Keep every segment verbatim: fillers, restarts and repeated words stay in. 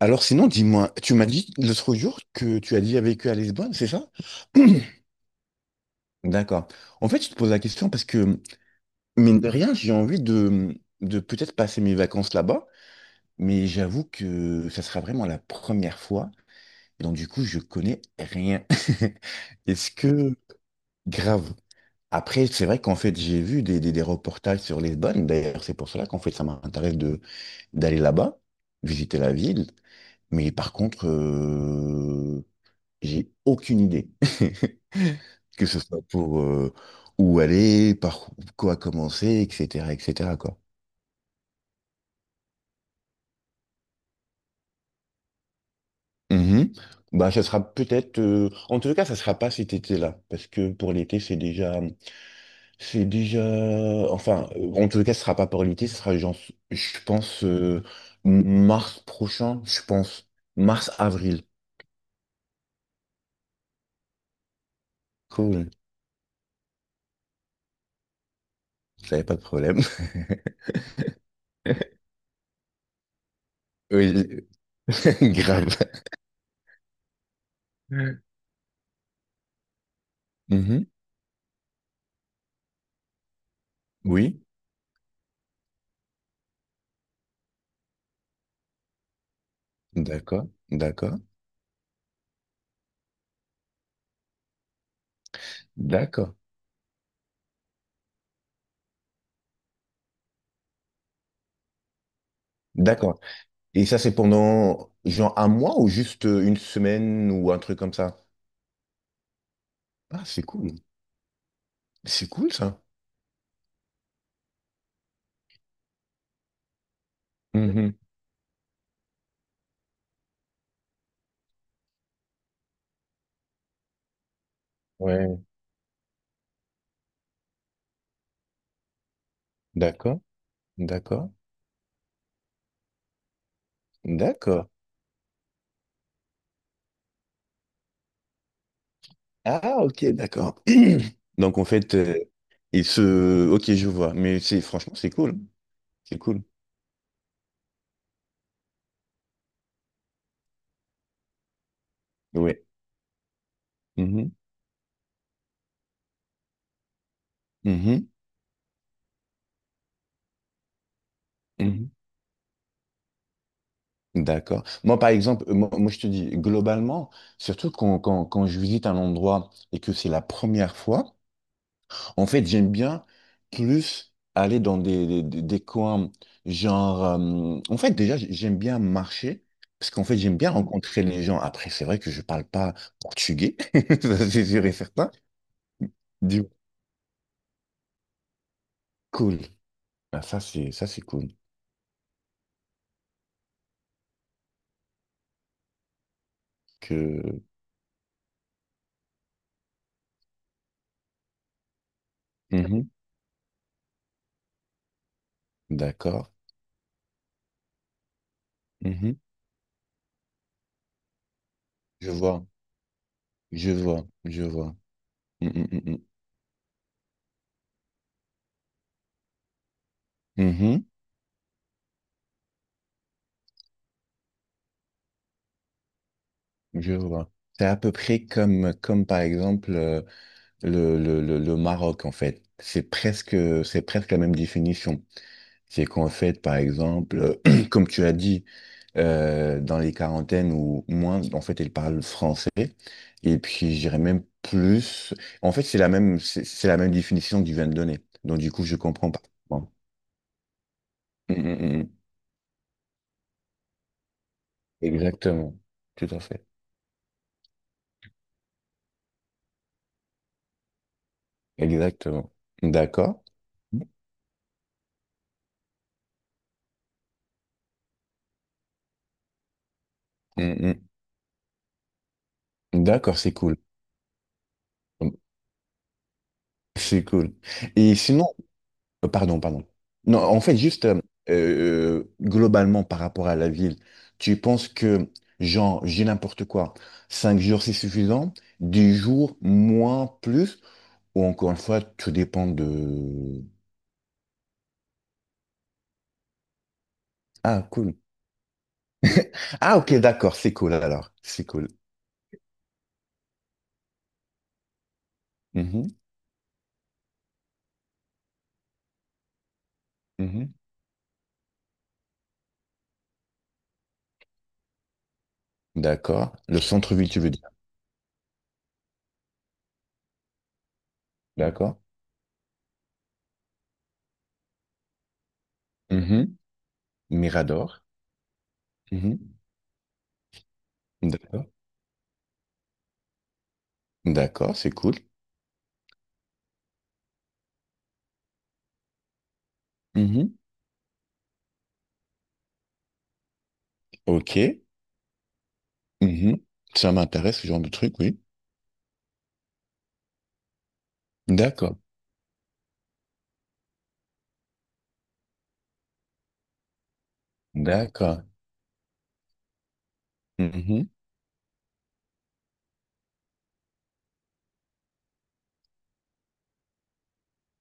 Alors sinon, dis-moi, tu m'as dit l'autre jour que tu as déjà vécu à Lisbonne, c'est ça? D'accord. En fait, je te pose la question parce que, mine de rien, j'ai envie de, de peut-être passer mes vacances là-bas, mais j'avoue que ça sera vraiment la première fois, donc du coup, je connais rien. Est-ce que... Grave. Après, c'est vrai qu'en fait, j'ai vu des, des, des reportages sur Lisbonne, d'ailleurs, c'est pour cela qu'en fait, ça m'intéresse de d'aller là-bas, visiter la ville. Mais par contre, euh, j'ai aucune idée, que ce soit pour euh, où aller, par quoi commencer, et cetera, et cetera, quoi. Mhm. Bah, ça sera peut-être. euh, En tout cas, ça sera pas cet été-là, parce que pour l'été, c'est déjà, c'est déjà. Enfin, euh, en tout cas, ce sera pas pour l'été, ce sera genre, je pense, euh, mars prochain, je pense, mars-avril. Cool. J'avais pas de problème. Oui, grave. Mhm. Oui, d'accord, d'accord, d'accord. D'accord. Et ça, c'est pendant genre un mois ou juste euh, une semaine ou un truc comme ça? Ah, c'est cool. C'est cool ça. Mhm. Ouais. D'accord. D'accord. D'accord. Ah, ok, d'accord. Donc en fait, euh, il se. Ok, je vois. Mais c'est franchement, c'est cool. C'est cool. Ouais. Mhm. Mhm. Mhm. D'accord. Moi, par exemple, euh, moi, moi, je te dis, globalement, surtout quand, quand, quand je visite un endroit et que c'est la première fois. En fait, j'aime bien plus aller dans des, des, des- des coins genre... euh, en fait, déjà, j'aime bien marcher parce qu'en fait, j'aime bien rencontrer les gens. Après, c'est vrai que je parle pas portugais, ça, c'est sûr et certain. Du coup, cool. Ah, ça, c'est ça, c'est cool. Que... Mhm. D'accord. Mhm. Je vois, je vois, je vois. Mm, mm, mm, mm. Mhm. Je vois. C'est à peu près comme, comme par exemple... euh, le, le, le- le Maroc, en fait. C'est presque, c'est presque la même définition. C'est qu'en fait, par exemple, comme tu as dit, euh, dans les quarantaines ou moins, en fait, elle parle français. Et puis, j'irais même plus. En fait, c'est la même, c'est c'est la même définition que tu viens de donner. Donc, du coup, je comprends pas. Bon. Mm, mm, mm. Mm. Exactement. Tout à fait. Exactement. D'accord. Mm, mm. D'accord, c'est cool. C'est cool. Et sinon, euh, pardon, pardon. Non, en fait, juste euh, euh, globalement par rapport à la ville, tu penses que, genre, j'ai n'importe quoi, cinq jours c'est suffisant, dix jours moins, plus, ou encore une fois, tout dépend de... Ah, cool. Ah, ok, d'accord, c'est cool alors, c'est cool. Mhm, mhm. D'accord. Le centre-ville, tu veux dire. D'accord. Mhm. Mirador. Mhm. D'accord. D'accord, c'est cool. Mhm. Ok. Mhm. Ça m'intéresse, ce genre de truc, oui. D'accord, d'accord. Mhm.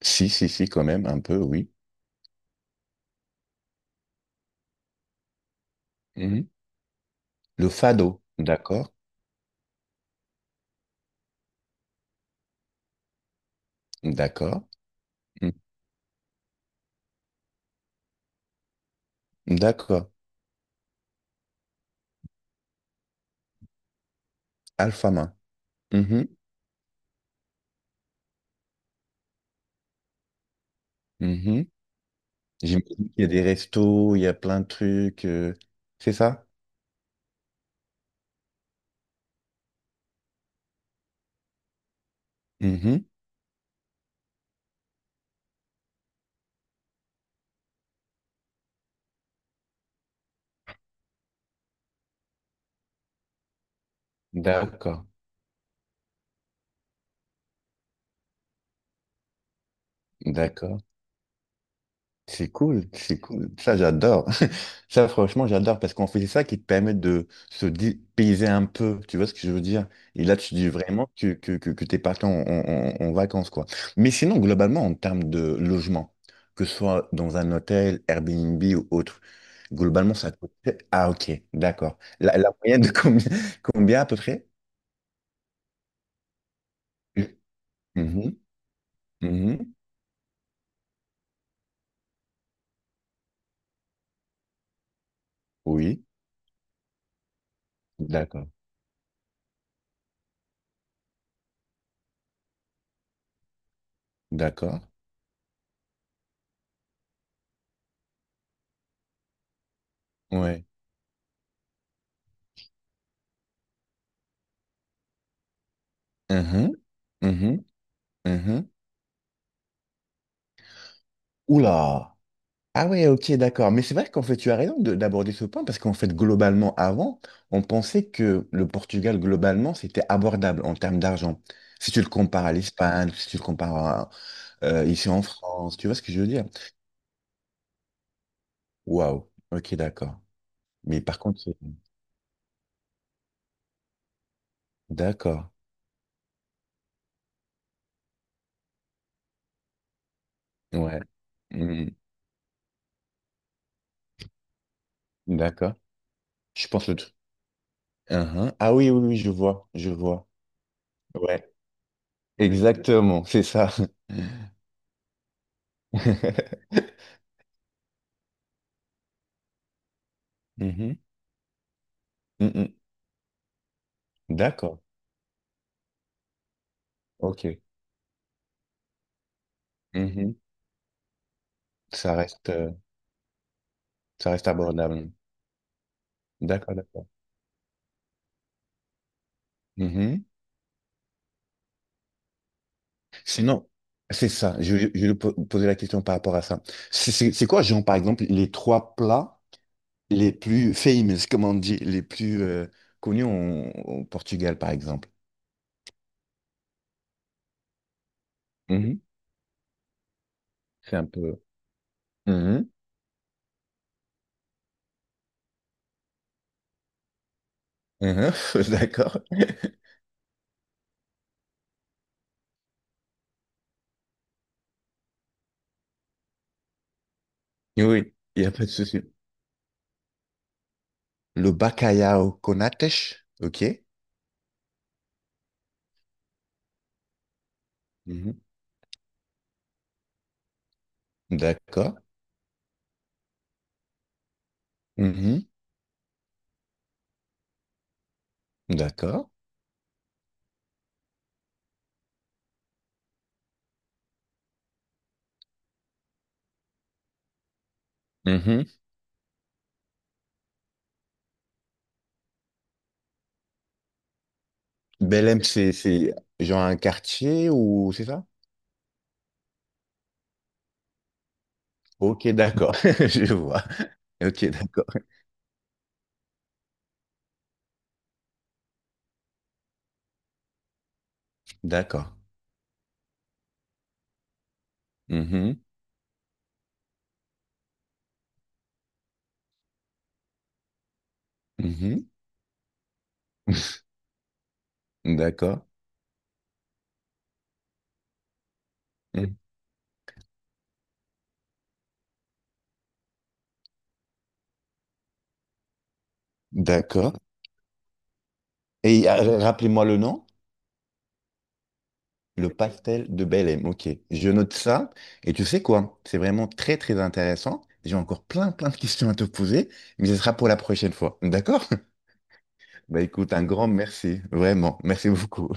Si, si, si, quand même, un peu, oui. Mhm. Le fado, d'accord, d'accord, Mhm. D'accord. Alpha main. Mhm. Mhm. J'imagine qu'il y a des restos, il y a plein de trucs, euh, c'est ça? Mhm. D'accord, d'accord. C'est cool, c'est cool. Ça, j'adore. Ça, franchement, j'adore parce qu'on fait ça qui te permet de se dépayser un peu. Tu vois ce que je veux dire? Et là, tu dis vraiment que, que, que, que t'es parti en, en- en- en vacances, quoi. Mais sinon, globalement, en termes de logement, que ce soit dans un hôtel, Airbnb ou autre, globalement, ça coûte... Ah, ok, d'accord. La, la moyenne de combien, combien à peu près? Mhm, mhm. Oui, d'accord, d'accord. Ouais. Mhm, mhm, mhm. Oula! Ah ouais, ok, d'accord. Mais c'est vrai qu'en fait, tu as raison de- d'aborder ce point parce qu'en fait, globalement, avant, on pensait que le Portugal, globalement, c'était abordable en termes d'argent. Si tu le compares à l'Espagne, si tu le compares à, euh, ici en France, tu vois ce que je veux dire? Waouh, ok, d'accord. Mais par contre, c'est- d'accord. Ouais. Hmm, d'accord. Je pense le truc. Uhum. Ah oui, oui, oui, je vois, je vois. Ouais, exactement, c'est ça. Mhm. Mm, mm. D'accord, ok. Ça reste, euh, ça reste abordable. D'accord, d'accord. Mhm. Sinon, c'est ça. Je, je vais po- poser la question par rapport à ça. C'est c'est- c'est quoi, genre, par exemple, les trois plats les plus famous, comme on dit, les plus euh, connus en- au Portugal, par exemple? Mhm. C'est un peu. Mhm. Mhm. D'accord. Oui, il n'y a pas de souci. Le bacalhau con natas, ok? Mhm. D'accord. Mhm. D'accord. Mhm. Belém, c'est, c'est genre un quartier ou c'est ça? Ok, d'accord, je vois. Ok, d'accord. D'accord. Mhm, mhm, d'accord. Mhm, d'accord. Et euh, rappelez-moi le nom, le pastel de Belém. Ok, je note ça. Et tu sais quoi? C'est vraiment très, très intéressant. J'ai encore plein, plein de questions à te poser, mais ce sera pour la prochaine fois. D'accord? Bah écoute, un grand merci, vraiment. Merci beaucoup.